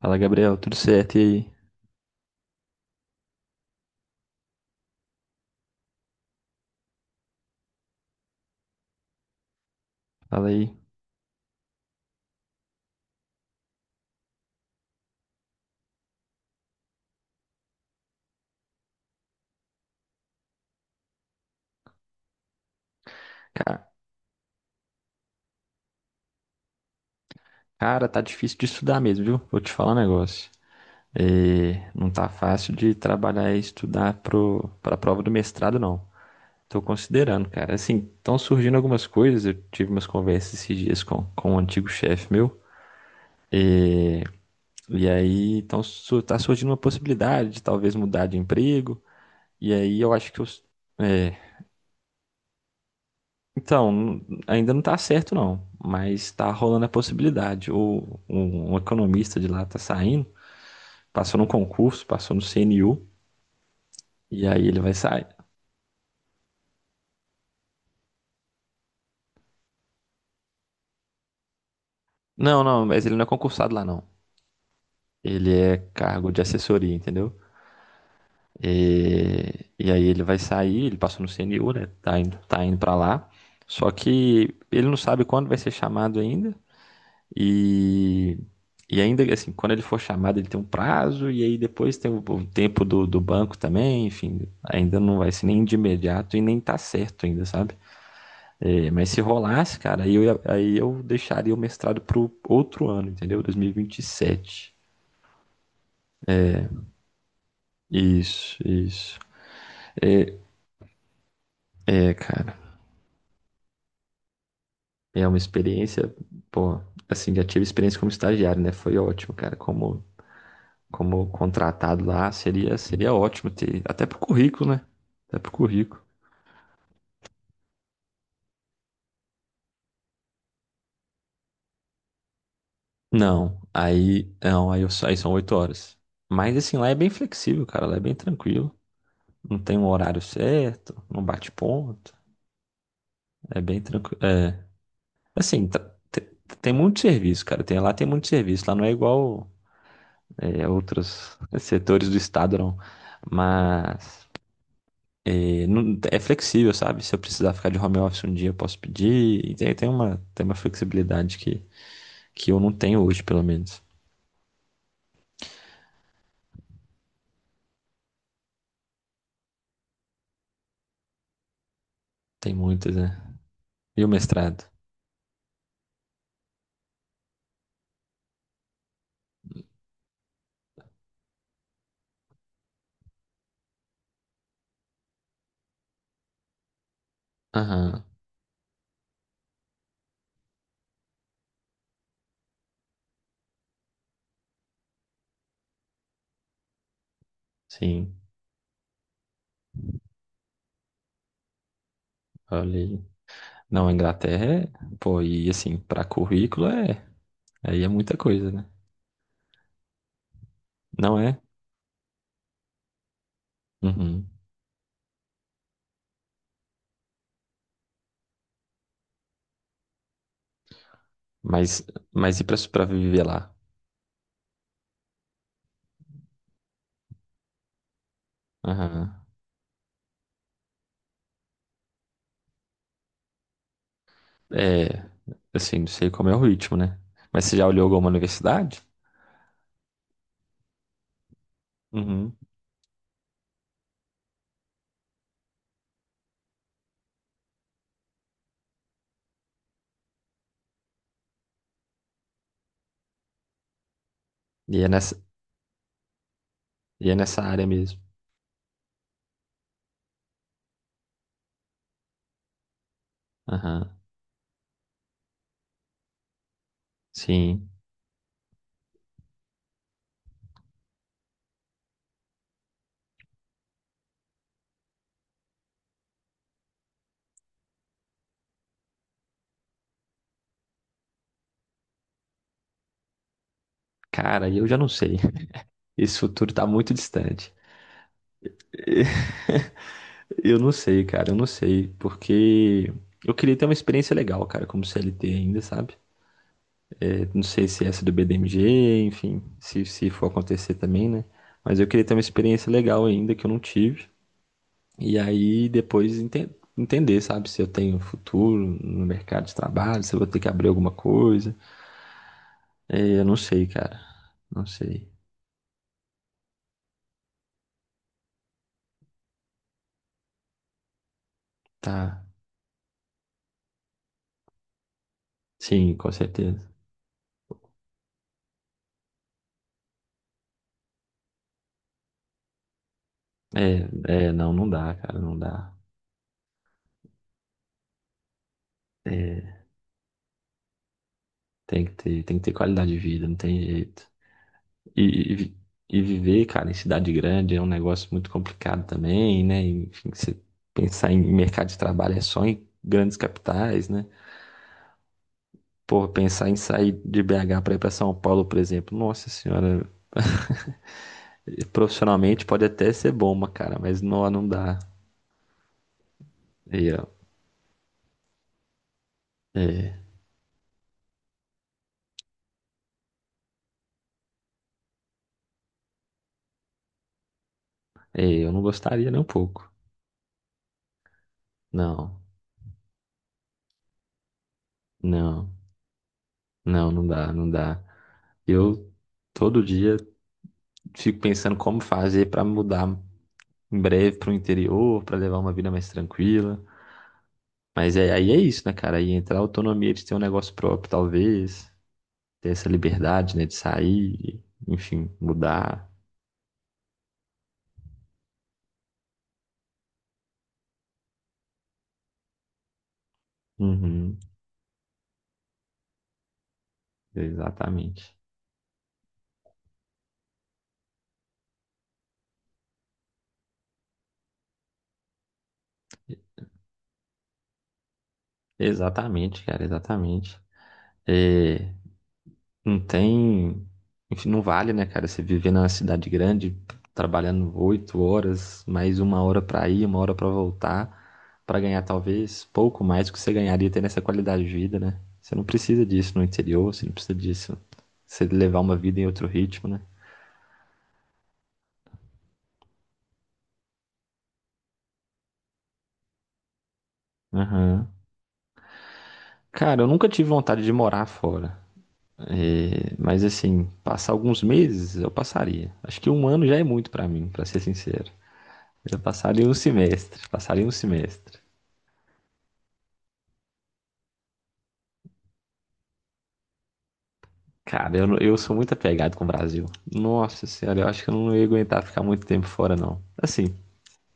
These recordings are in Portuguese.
Fala, Gabriel, tudo certo? E aí? Fala aí. Ca- Cara, tá difícil de estudar mesmo, viu? Vou te falar um negócio. Não tá fácil de trabalhar e estudar pra prova do mestrado, não. Tô considerando, cara. Assim, estão surgindo algumas coisas. Eu tive umas conversas esses dias com um antigo chefe meu. É, e aí tá surgindo uma possibilidade de talvez mudar de emprego. E aí eu acho que é, Então, ainda não tá certo não, mas tá rolando a possibilidade. Um economista de lá tá saindo, passou num concurso, passou no CNU, e aí ele vai sair. Não, não, mas ele não é concursado lá não. Ele é cargo de assessoria, entendeu? E aí ele vai sair, ele passou no CNU, né? Tá indo pra lá. Só que ele não sabe quando vai ser chamado ainda. E, e ainda assim, quando ele for chamado, ele tem um prazo, e aí depois tem o tempo do banco também, enfim, ainda não vai ser nem de imediato e nem tá certo ainda, sabe? É, mas se rolasse, cara, aí eu deixaria o mestrado pro outro ano, entendeu? 2027. Isso, isso. É, Cara, é uma experiência, pô, assim, já tive experiência como estagiário, né? Foi ótimo, cara, como contratado lá, seria ótimo ter, até pro currículo, né? Até pro currículo. Não, aí, não, aí, eu, Aí são oito horas. Mas assim, lá é bem flexível, cara, lá é bem tranquilo. Não tem um horário certo, não bate ponto, é bem tranquilo. É, assim, tra- te- tem muito serviço, cara, lá tem muito serviço, lá não é igual outros setores do estado, não. Mas É flexível, sabe? Se eu precisar ficar de home office um dia, eu posso pedir. E tem uma flexibilidade que eu não tenho hoje, pelo menos. Tem muitas, né? E o mestrado? Aham, sim. Olha aí. Não, a Inglaterra é. Pô, e assim, pra currículo é. Aí é muita coisa, né? Não é? Uhum. Mas, mas e pra viver lá? Aham. É. Assim, não sei como é o ritmo, né? Mas você já olhou alguma universidade? Uhum. E é nessa, e é nessa área mesmo. Aham. Sim. Cara, eu já não sei. Esse futuro tá muito distante. Eu não sei, cara, eu não sei, porque eu queria ter uma experiência legal, cara, como CLT ainda, sabe? É, não sei se essa do BDMG, enfim, se for acontecer também, né? Mas eu queria ter uma experiência legal ainda que eu não tive. E aí depois entender, sabe, se eu tenho um futuro no mercado de trabalho, se eu vou ter que abrir alguma coisa. É, eu não sei, cara, não sei. Tá, sim, com certeza. É, não, não dá, cara, não dá. É, tem que tem que ter qualidade de vida, não tem jeito. E, e, vi- e viver, cara, em cidade grande é um negócio muito complicado também, né? Enfim, você pensar em mercado de trabalho é só em grandes capitais, né? Pô, pensar em sair de BH para ir para São Paulo, por exemplo, nossa senhora, profissionalmente pode até ser bom, mas, cara, não dá. E, ó, é, eu não gostaria nem um pouco. Não, não, não dá, não dá. Eu todo dia fico pensando como fazer para mudar em breve para o interior, para levar uma vida mais tranquila. Mas é, aí é isso, né, cara? Aí entra a autonomia de ter um negócio próprio, talvez, ter essa liberdade, né, de sair, enfim, mudar. Uhum, exatamente. Exatamente, cara, exatamente. É, Não tem. Enfim, não vale, né, cara? Você viver na cidade grande, trabalhando oito horas, mais uma hora pra ir, uma hora pra voltar, pra ganhar talvez pouco mais do que você ganharia tendo essa qualidade de vida, né? Você não precisa disso no interior, você não precisa disso. Você levar uma vida em outro ritmo, né? Aham. Cara, eu nunca tive vontade de morar fora. É, mas assim, passar alguns meses eu passaria. Acho que um ano já é muito pra mim, pra ser sincero. Eu passaria um semestre, passaria um semestre. Cara, eu, não- Eu sou muito apegado com o Brasil. Nossa senhora, eu acho que eu não ia aguentar ficar muito tempo fora, não. Assim,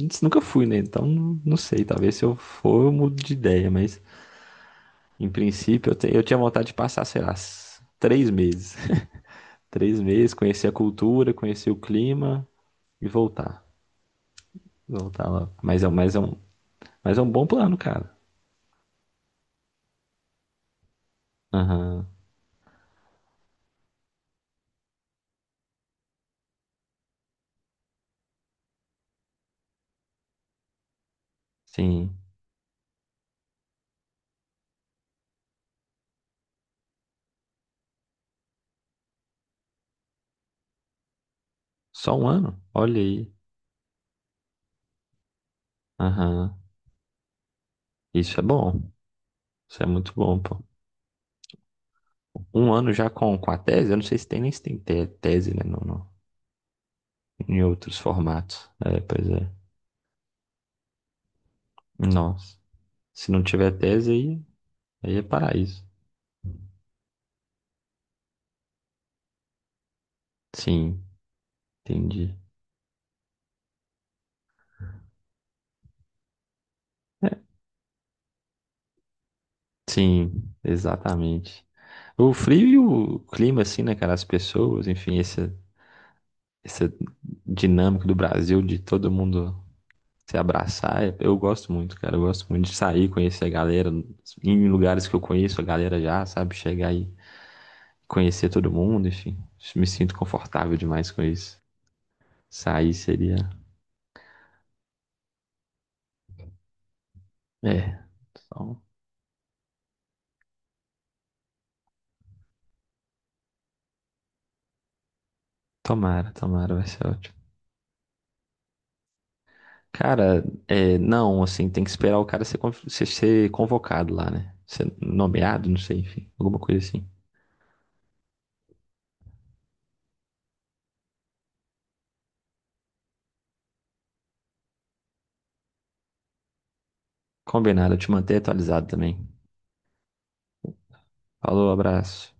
antes nunca fui, né? Então não, não sei. Talvez se eu for, eu mudo de ideia, mas em princípio eu tinha vontade de passar, sei lá, três meses. Três meses, conhecer a cultura, conhecer o clima e voltar. Voltar lá. Mas é um bom plano, cara. Aham. Sim. Só um ano? Olha aí. Aham. Isso é bom. Isso é muito bom, pô. Um ano já com a tese, eu não sei se tem, nem se tem tese, né? Não, não. Em outros formatos. É, pois é. Nossa. Se não tiver tese, aí, aí é paraíso. Sim, entendi. Sim, exatamente. O frio e o clima, assim, né, cara? As pessoas, enfim, essa dinâmica do Brasil de todo mundo se abraçar, eu gosto muito, cara. Eu gosto muito de sair, conhecer a galera, em lugares que eu conheço, a galera já, sabe? Chegar aí conhecer todo mundo, enfim. Me sinto confortável demais com isso. Sair seria. É. Então, tomara, vai ser ótimo. Cara, é, não, assim, tem que esperar o cara ser convocado lá, né? Ser nomeado, não sei, enfim, alguma coisa assim. Combinado, eu te manter atualizado também. Falou, abraço.